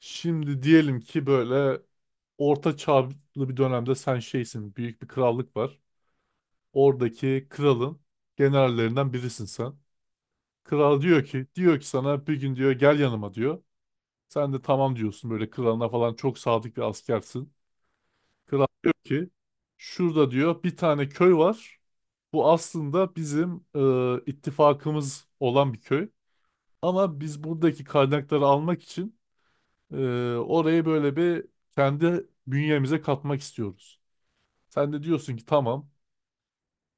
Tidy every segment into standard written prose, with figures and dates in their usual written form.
Şimdi diyelim ki böyle orta çağlı bir dönemde sen şeysin. Büyük bir krallık var. Oradaki kralın generallerinden birisin sen. Kral diyor ki sana bir gün diyor gel yanıma diyor. Sen de tamam diyorsun böyle kralına falan çok sadık bir askersin. Kral diyor ki şurada diyor bir tane köy var. Bu aslında bizim ittifakımız olan bir köy. Ama biz buradaki kaynakları almak için Ee, orayı böyle bir kendi bünyemize katmak istiyoruz. Sen de diyorsun ki tamam.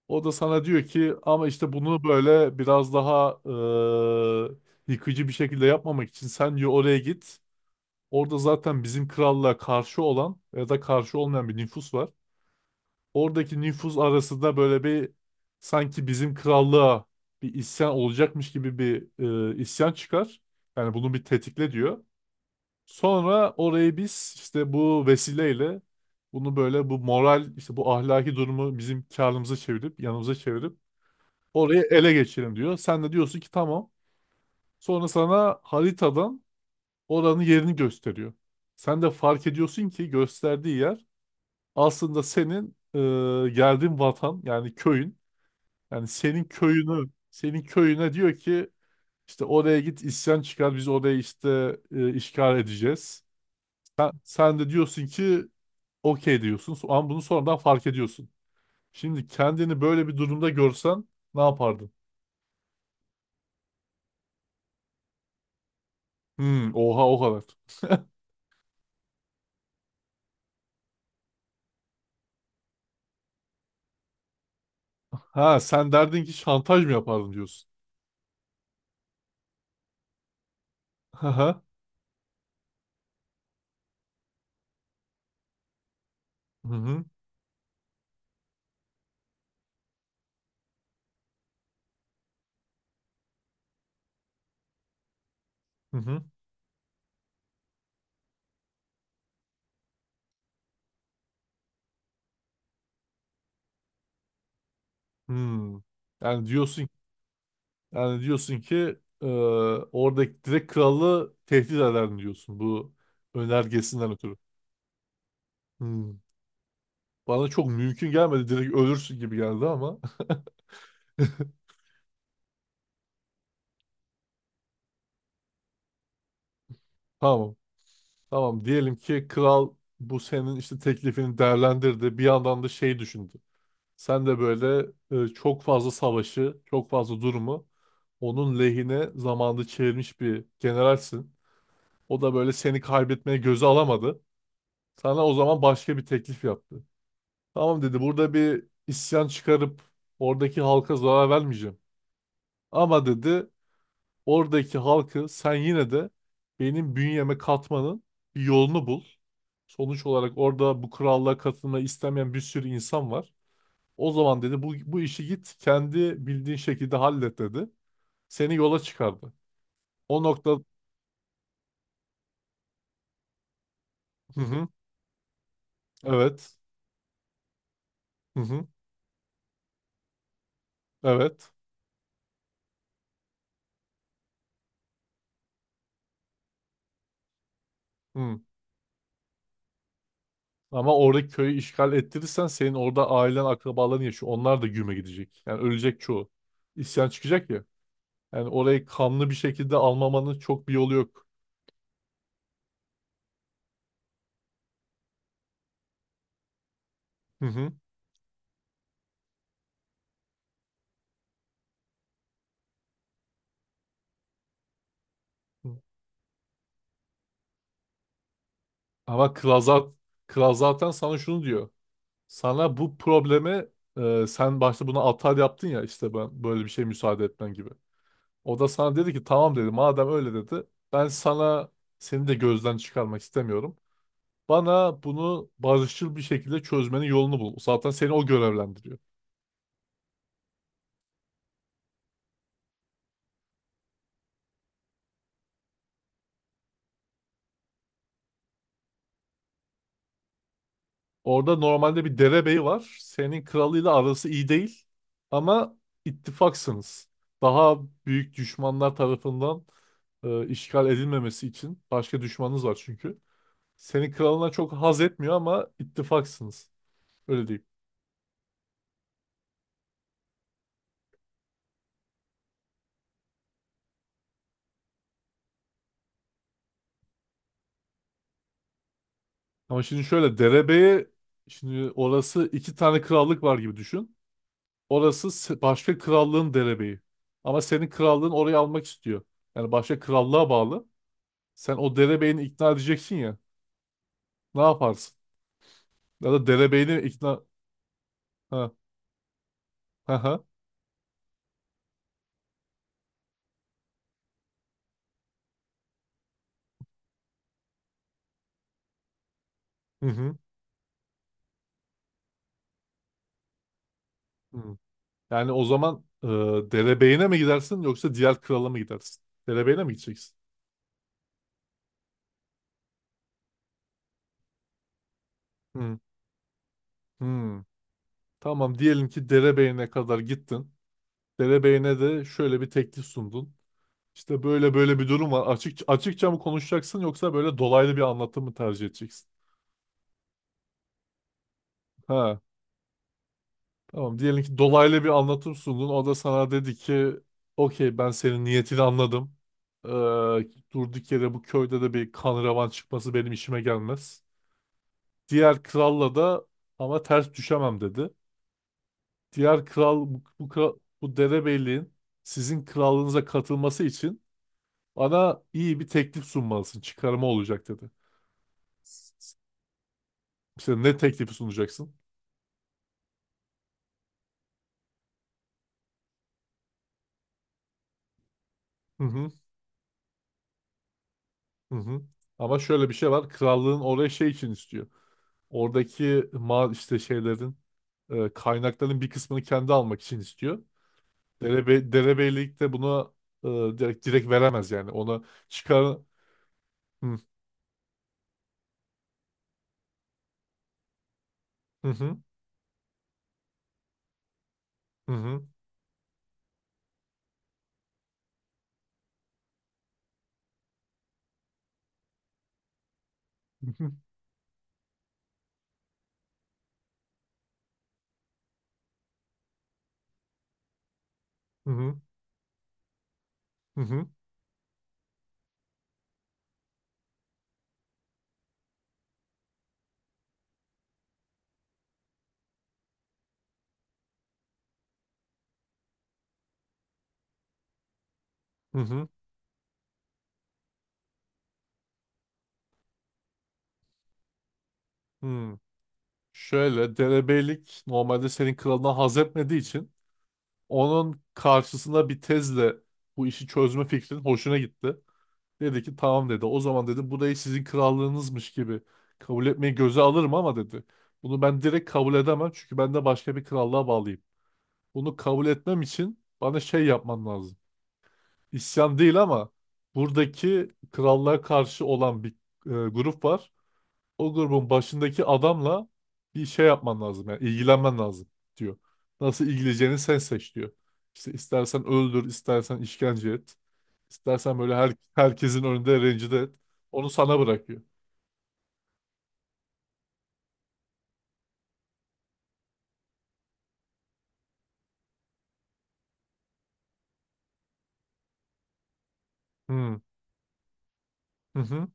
O da sana diyor ki ama işte bunu böyle biraz daha yıkıcı bir şekilde yapmamak için sen diyor oraya git. Orada zaten bizim krallığa karşı olan ya da karşı olmayan bir nüfus var. Oradaki nüfus arasında böyle bir sanki bizim krallığa bir isyan olacakmış gibi bir isyan çıkar. Yani bunu bir tetikle diyor. Sonra orayı biz işte bu vesileyle bunu böyle bu moral işte bu ahlaki durumu bizim karlımıza çevirip yanımıza çevirip orayı ele geçirelim diyor. Sen de diyorsun ki tamam. Sonra sana haritadan oranın yerini gösteriyor. Sen de fark ediyorsun ki gösterdiği yer aslında senin geldiğin vatan yani köyün. Yani senin köyünü senin köyüne diyor ki işte oraya git isyan çıkar biz orayı işte işgal edeceğiz. Sen de diyorsun ki okey diyorsun. Ama bunu sonradan fark ediyorsun. Şimdi kendini böyle bir durumda görsen ne yapardın? Hmm, oha o kadar. Ha sen derdin ki şantaj mı yapardın diyorsun. Hı hı. Hı hı. Hı hı. Hmm. Yani diyorsun yani diyorsun ki oradaki direkt kralı tehdit ederdin diyorsun bu önergesinden ötürü. Hmm. Bana çok mümkün gelmedi. Direkt ölürsün gibi geldi ama. Tamam. Tamam diyelim ki kral bu senin işte teklifini değerlendirdi. Bir yandan da şey düşündü. Sen de böyle çok fazla savaşı, çok fazla durumu onun lehine zamanda çevirmiş bir generalsin. O da böyle seni kaybetmeye göze alamadı. Sana o zaman başka bir teklif yaptı. Tamam dedi burada bir isyan çıkarıp oradaki halka zarar vermeyeceğim. Ama dedi oradaki halkı sen yine de benim bünyeme katmanın bir yolunu bul. Sonuç olarak orada bu krallığa katılmayı istemeyen bir sürü insan var. O zaman dedi bu işi git kendi bildiğin şekilde hallet dedi. Seni yola çıkardı. O nokta hı hı, evet hı hı, evet hı. Ama orada köyü işgal ettirirsen senin orada ailen akrabaların yaşıyor. Onlar da güme gidecek. Yani ölecek çoğu. İsyan çıkacak ya. Yani orayı kanlı bir şekilde almamanın çok bir yolu yok. Hı hı. Ama Klazat, Klazat'tan sana şunu diyor. Sana bu probleme sen başta buna atar yaptın ya işte ben böyle bir şey müsaade etmen gibi. O da sana dedi ki tamam dedi madem öyle dedi ben sana seni de gözden çıkarmak istemiyorum. Bana bunu barışçıl bir şekilde çözmenin yolunu bul. Zaten seni o görevlendiriyor. Orada normalde bir derebeyi var. Senin kralıyla arası iyi değil. Ama ittifaksınız. Daha büyük düşmanlar tarafından işgal edilmemesi için başka düşmanınız var çünkü. Senin kralına çok haz etmiyor ama ittifaksınız. Öyle diyeyim. Ama şimdi şöyle derebeyi şimdi orası iki tane krallık var gibi düşün. Orası başka krallığın derebeyi. Ama senin krallığın orayı almak istiyor. Yani başka krallığa bağlı. Sen o derebeyini ikna edeceksin ya. Ne yaparsın? Ya da derebeyine ikna... Ha, ha, ha. Hı hı. Hı. Yani o zaman derebeyine mi gidersin yoksa diğer krala mı gidersin? Derebeyine mi gideceksin? Hı. Hı. Tamam diyelim ki derebeyine kadar gittin. Derebeyine de şöyle bir teklif sundun. İşte böyle böyle bir durum var. Açıkça mı konuşacaksın yoksa böyle dolaylı bir anlatım mı tercih edeceksin? Ha. Tamam diyelim ki dolaylı bir anlatım sundun. O da sana dedi ki okey ben senin niyetini anladım. Ee, durduk yere bu köyde de bir kan revan çıkması benim işime gelmez. Diğer kralla da ama ters düşemem dedi. Diğer kral bu derebeyliğin sizin krallığınıza katılması için bana iyi bir teklif sunmalısın. Çıkarıma olacak dedi. İşte ne teklifi sunacaksın? Hı hı, hı hı. Ama şöyle bir şey var. Krallığın oraya şey için istiyor. Oradaki ma işte şeylerin kaynakların bir kısmını kendi almak için istiyor. Derebeylik de bunu e, direkt veremez yani. Ona çıkar hı hı hı hı hı hı hı hı hı hı hı, hı. Şöyle derebeylik normalde senin kralına haz etmediği için onun karşısına bir tezle bu işi çözme fikrin hoşuna gitti. Dedi ki tamam dedi. O zaman dedi burayı sizin krallığınızmış gibi kabul etmeyi göze alırım ama dedi. Bunu ben direkt kabul edemem çünkü ben de başka bir krallığa bağlıyım. Bunu kabul etmem için bana şey yapman lazım. İsyan değil ama buradaki krallığa karşı olan bir grup var o grubun başındaki adamla bir şey yapman lazım yani ilgilenmen lazım diyor. Nasıl ilgileneceğini sen seç diyor. İşte istersen öldür, istersen işkence et, istersen böyle herkesin önünde rencide et. Onu sana bırakıyor. Hmm, hı hı.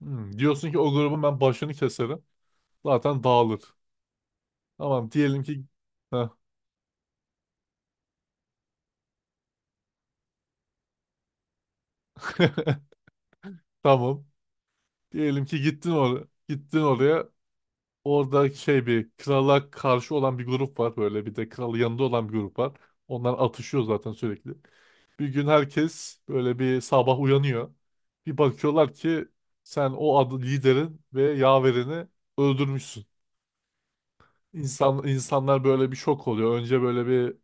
Hmm. Diyorsun ki o grubun ben başını keserim. Zaten dağılır. Tamam diyelim ki Heh. Tamam. Diyelim ki gittin oraya. Gittin oraya. Orada şey bir krala karşı olan bir grup var böyle bir de kralı yanında olan bir grup var. Onlar atışıyor zaten sürekli. Bir gün herkes böyle bir sabah uyanıyor. Bir bakıyorlar ki sen o adı liderin ve yaverini öldürmüşsün. İnsanlar böyle bir şok oluyor. Önce böyle bir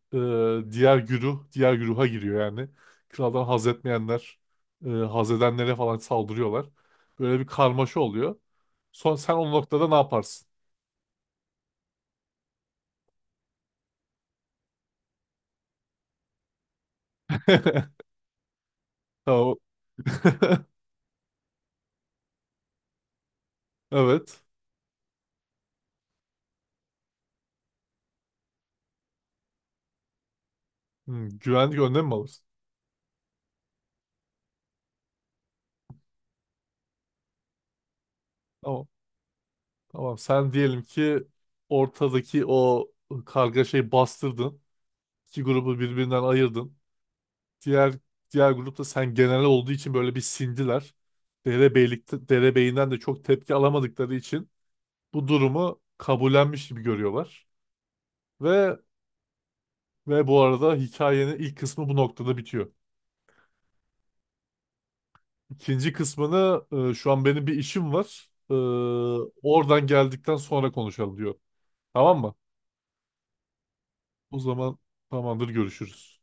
diğer güruha giriyor yani. Kraldan haz etmeyenler, haz edenlere falan saldırıyorlar. Böyle bir karmaşa oluyor. Son sen o noktada ne yaparsın? Tamam. Evet. Hmm, güvenlik önlemi mi alırsın? Tamam. Tamam. Sen diyelim ki ortadaki o kargaşayı bastırdın. İki grubu birbirinden ayırdın. Diğer diğer grupta sen genel olduğu için böyle bir sindiler. Derebeylikte, derebeyinden de çok tepki alamadıkları için bu durumu kabullenmiş gibi görüyorlar. Ve bu arada hikayenin ilk kısmı bu noktada bitiyor. İkinci kısmını şu an benim bir işim var. Oradan geldikten sonra konuşalım diyor. Tamam mı? O zaman tamamdır görüşürüz.